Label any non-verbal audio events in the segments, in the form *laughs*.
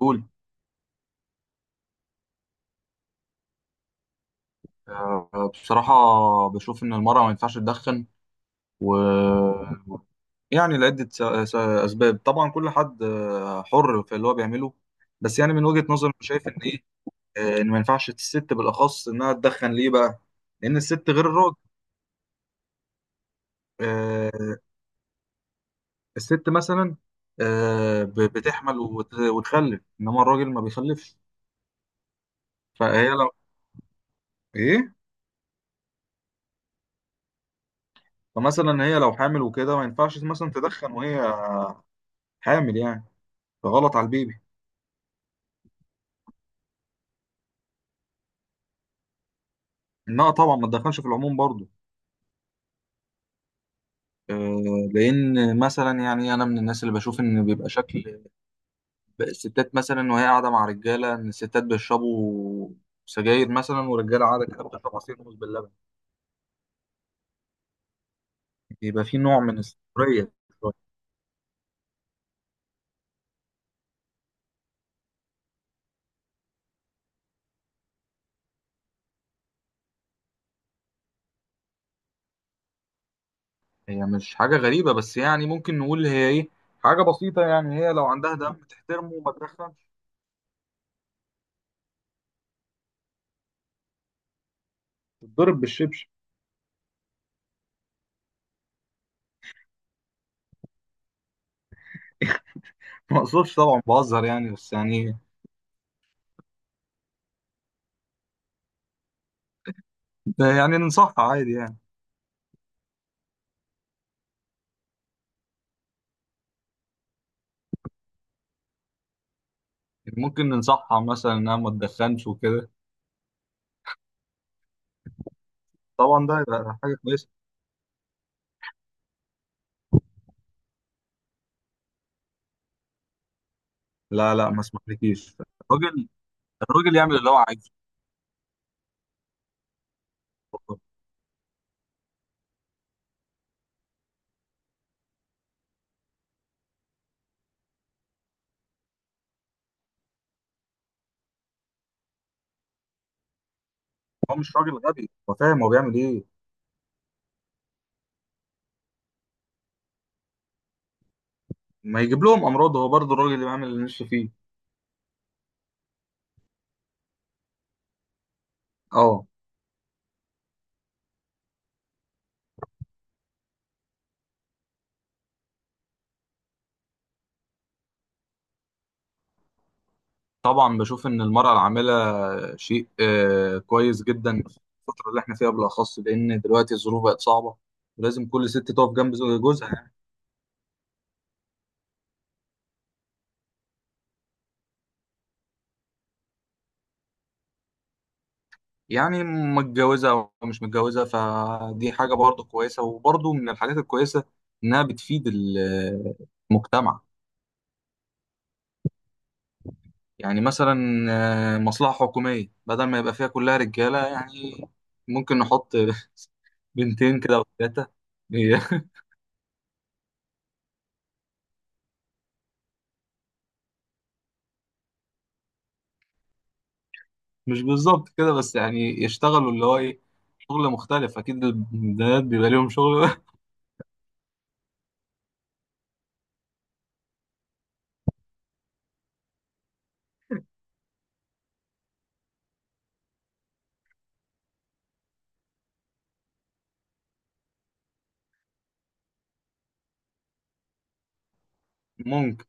قول. بصراحة، بشوف إن المرأة ما ينفعش تدخن، و يعني لعدة أسباب. طبعا كل حد حر في اللي هو بيعمله. بس يعني من وجهة نظري أنا شايف إن إيه آه، إن ما ينفعش الست بالأخص إنها تدخن، ليه بقى؟ لأن الست غير الراجل. آه، الست مثلا بتحمل وتخلف، إنما الراجل ما بيخلفش. فهي لو إيه؟ فمثلا هي لو حامل وكده، ما ينفعش مثلا تدخن وهي حامل يعني، فغلط على البيبي. لا طبعا، ما تدخلش في العموم برضو. لان مثلا يعني انا من الناس اللي بشوف ان بيبقى شكل الستات مثلا وهي قاعده مع رجاله، ان الستات بيشربوا سجاير مثلا، ورجاله قاعده كده بتشرب عصير موز باللبن، بيبقى في نوع من السخريه شوية. هي مش حاجه غريبه، بس يعني ممكن نقول هي ايه حاجه بسيطه، يعني هي لو عندها دم تحترمه وما تدخلش تتضرب بالشبشب. *laughs* ما اقصدش طبعا، بهزر يعني، بس يعني ننصحها عادي يعني. ممكن ننصحها مثلا انها ما تدخنش وكده. طبعا، ده يبقى حاجه كويسه. لا، لا، ما اسمحلكيش. الراجل الراجل يعمل اللي هو عايزه. هو مش راجل غبي، هو فاهم هو بيعمل ايه. ما يجيب لهم امراض، هو برضه الراجل اللي بيعمل اللي نفسه فيه. اه. طبعا بشوف ان المراه العامله شيء كويس جدا في الفتره اللي احنا فيها بالاخص، لان دلوقتي الظروف بقت صعبه، ولازم كل ست تقف جنب جوزها يعني. يعني متجوزه او مش متجوزه، فدي حاجه برضه كويسه، وبرضه من الحاجات الكويسه انها بتفيد المجتمع. يعني مثلا مصلحة حكومية، بدل ما يبقى فيها كلها رجالة يعني، ممكن نحط *laughs* بنتين كده وثلاثة. *laughs* مش بالظبط كده، بس يعني يشتغلوا اللي هو ايه، شغل مختلف. أكيد البنات بيبقى ليهم شغل. *laughs* ممكن.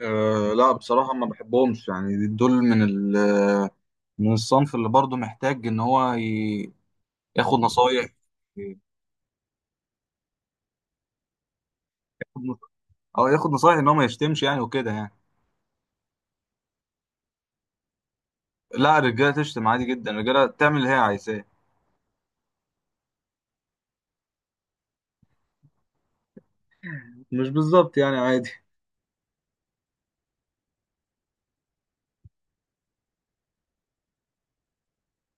أه، لا بصراحة ما بحبهمش، يعني دول من من الصنف اللي برضه محتاج إن هو ياخد نصايح، ياخد نص- أو ياخد نصايح إن هو ما يشتمش يعني وكده يعني. لا، الرجالة تشتم عادي جدا، الرجالة تعمل اللي هي عايزاه. مش بالظبط يعني، عادي،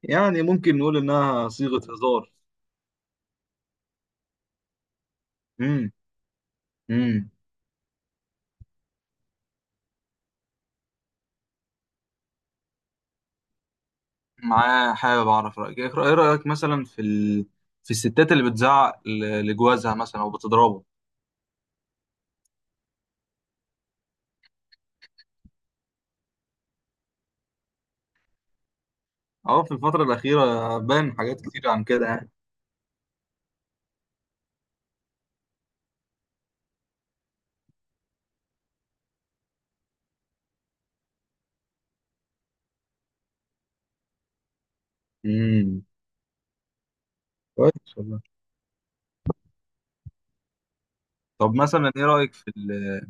يعني ممكن نقول انها صيغة هزار. امم امم معاه، حابب اعرف رأيك ايه. رأيك مثلا في في الستات اللي بتزعق لجوازها مثلا او بتضربه. اه، في الفترة الأخيرة بان حاجات كتير عن كده يعني. امم كويس والله. طب مثلا ايه رأيك في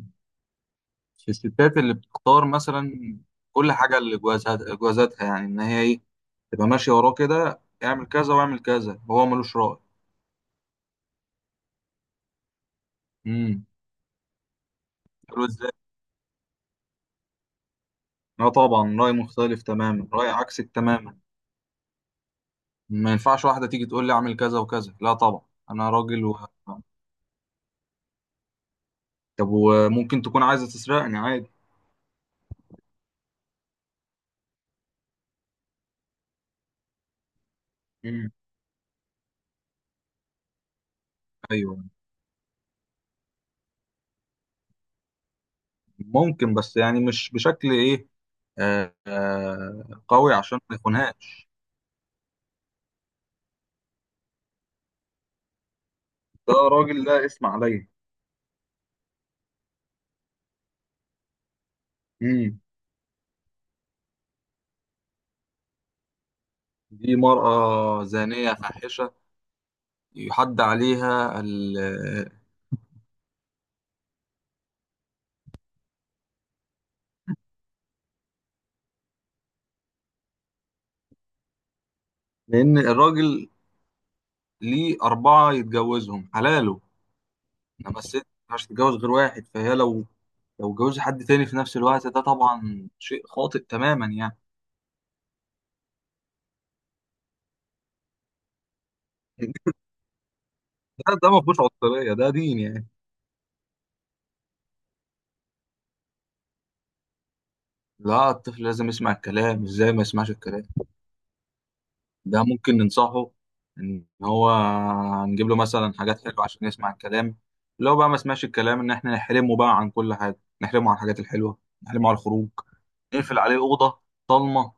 في الستات اللي بتختار مثلا كل حاجة لجوازها جوازاتها، يعني ان هي ايه تبقى ماشية وراه كده، اعمل كذا واعمل كذا وهو ملوش رأي. امم لا طبعا، رأي مختلف تماما، رأي عكسك تماما. ما ينفعش واحدة تيجي تقول لي اعمل كذا وكذا، لا طبعا، أنا راجل. طب وممكن تكون عايزة تسرقني عادي. مم. أيوه، ممكن بس يعني مش بشكل إيه آه آه قوي عشان ما يخونهاش. ده راجل، ده اسم عليا. مم. دي مرأة زانية فاحشة، يحد عليها. لأن الراجل ليه أربعة يتجوزهم حلاله. انا، بس انت مش هتتجوز غير واحد، فهي لو اتجوزت حد تاني في نفس الوقت، ده طبعا شيء خاطئ تماما يعني. ده ما فيهوش عنصريه، ده دين يعني. لا، الطفل لازم يسمع الكلام، ازاي ما يسمعش الكلام. ده ممكن ننصحه ان هو نجيب له مثلا حاجات حلوه عشان يسمع الكلام. لو بقى ما سمعش الكلام، ان احنا نحرمه بقى عن كل حاجه، نحرمه عن الحاجات الحلوه، نحرمه عن الخروج، نقفل عليه اوضه ضلمه.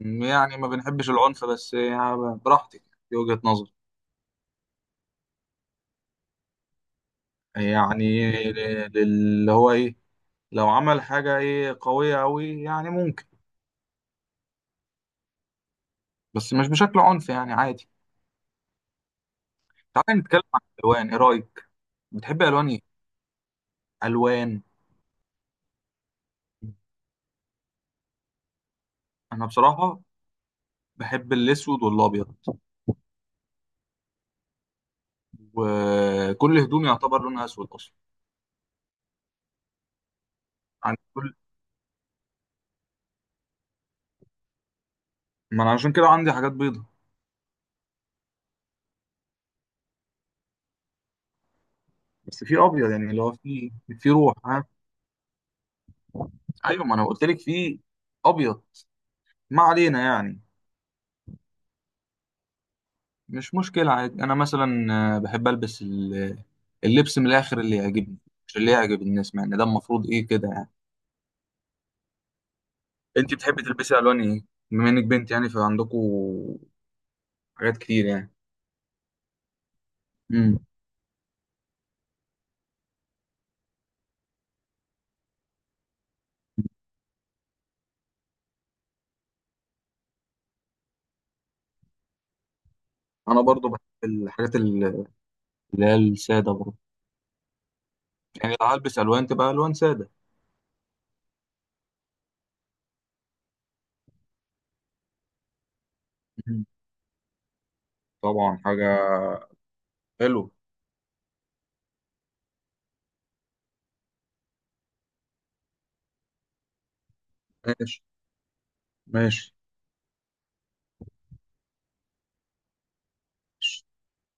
يعني ما بنحبش العنف، بس يعني براحتك، دي وجهه نظري. يعني اللي هو ايه، لو عمل حاجة ايه قوية قوي يعني ممكن. بس مش بشكل عنف، يعني عادي. تعالى نتكلم عن الالوان، ايه رأيك، بتحب الوان ايه؟ الوان. انا بصراحة بحب الاسود والابيض، وكل هدومي يعتبر لونها اسود اصلا. عندي كل ما انا عشان كده عندي حاجات بيضة، بس في ابيض يعني اللي هو في روح ها. ايوه، ما انا قلت لك في ابيض. ما علينا يعني. مش مشكلة، عادي. أنا مثلا بحب ألبس اللبس من الآخر اللي يعجبني، مش اللي يعجب الناس، مع إن ده المفروض إيه كده يعني. أنت بتحبي تلبسي ألوان إيه؟ بما إنك بنت يعني فعندكوا حاجات كتير يعني. امم أنا برضو بحب الحاجات اللي هي السادة برضو. يعني لو هلبس ألوان تبقى ألوان سادة. مم. طبعا، حاجة حلوة. ماشي، ماشي.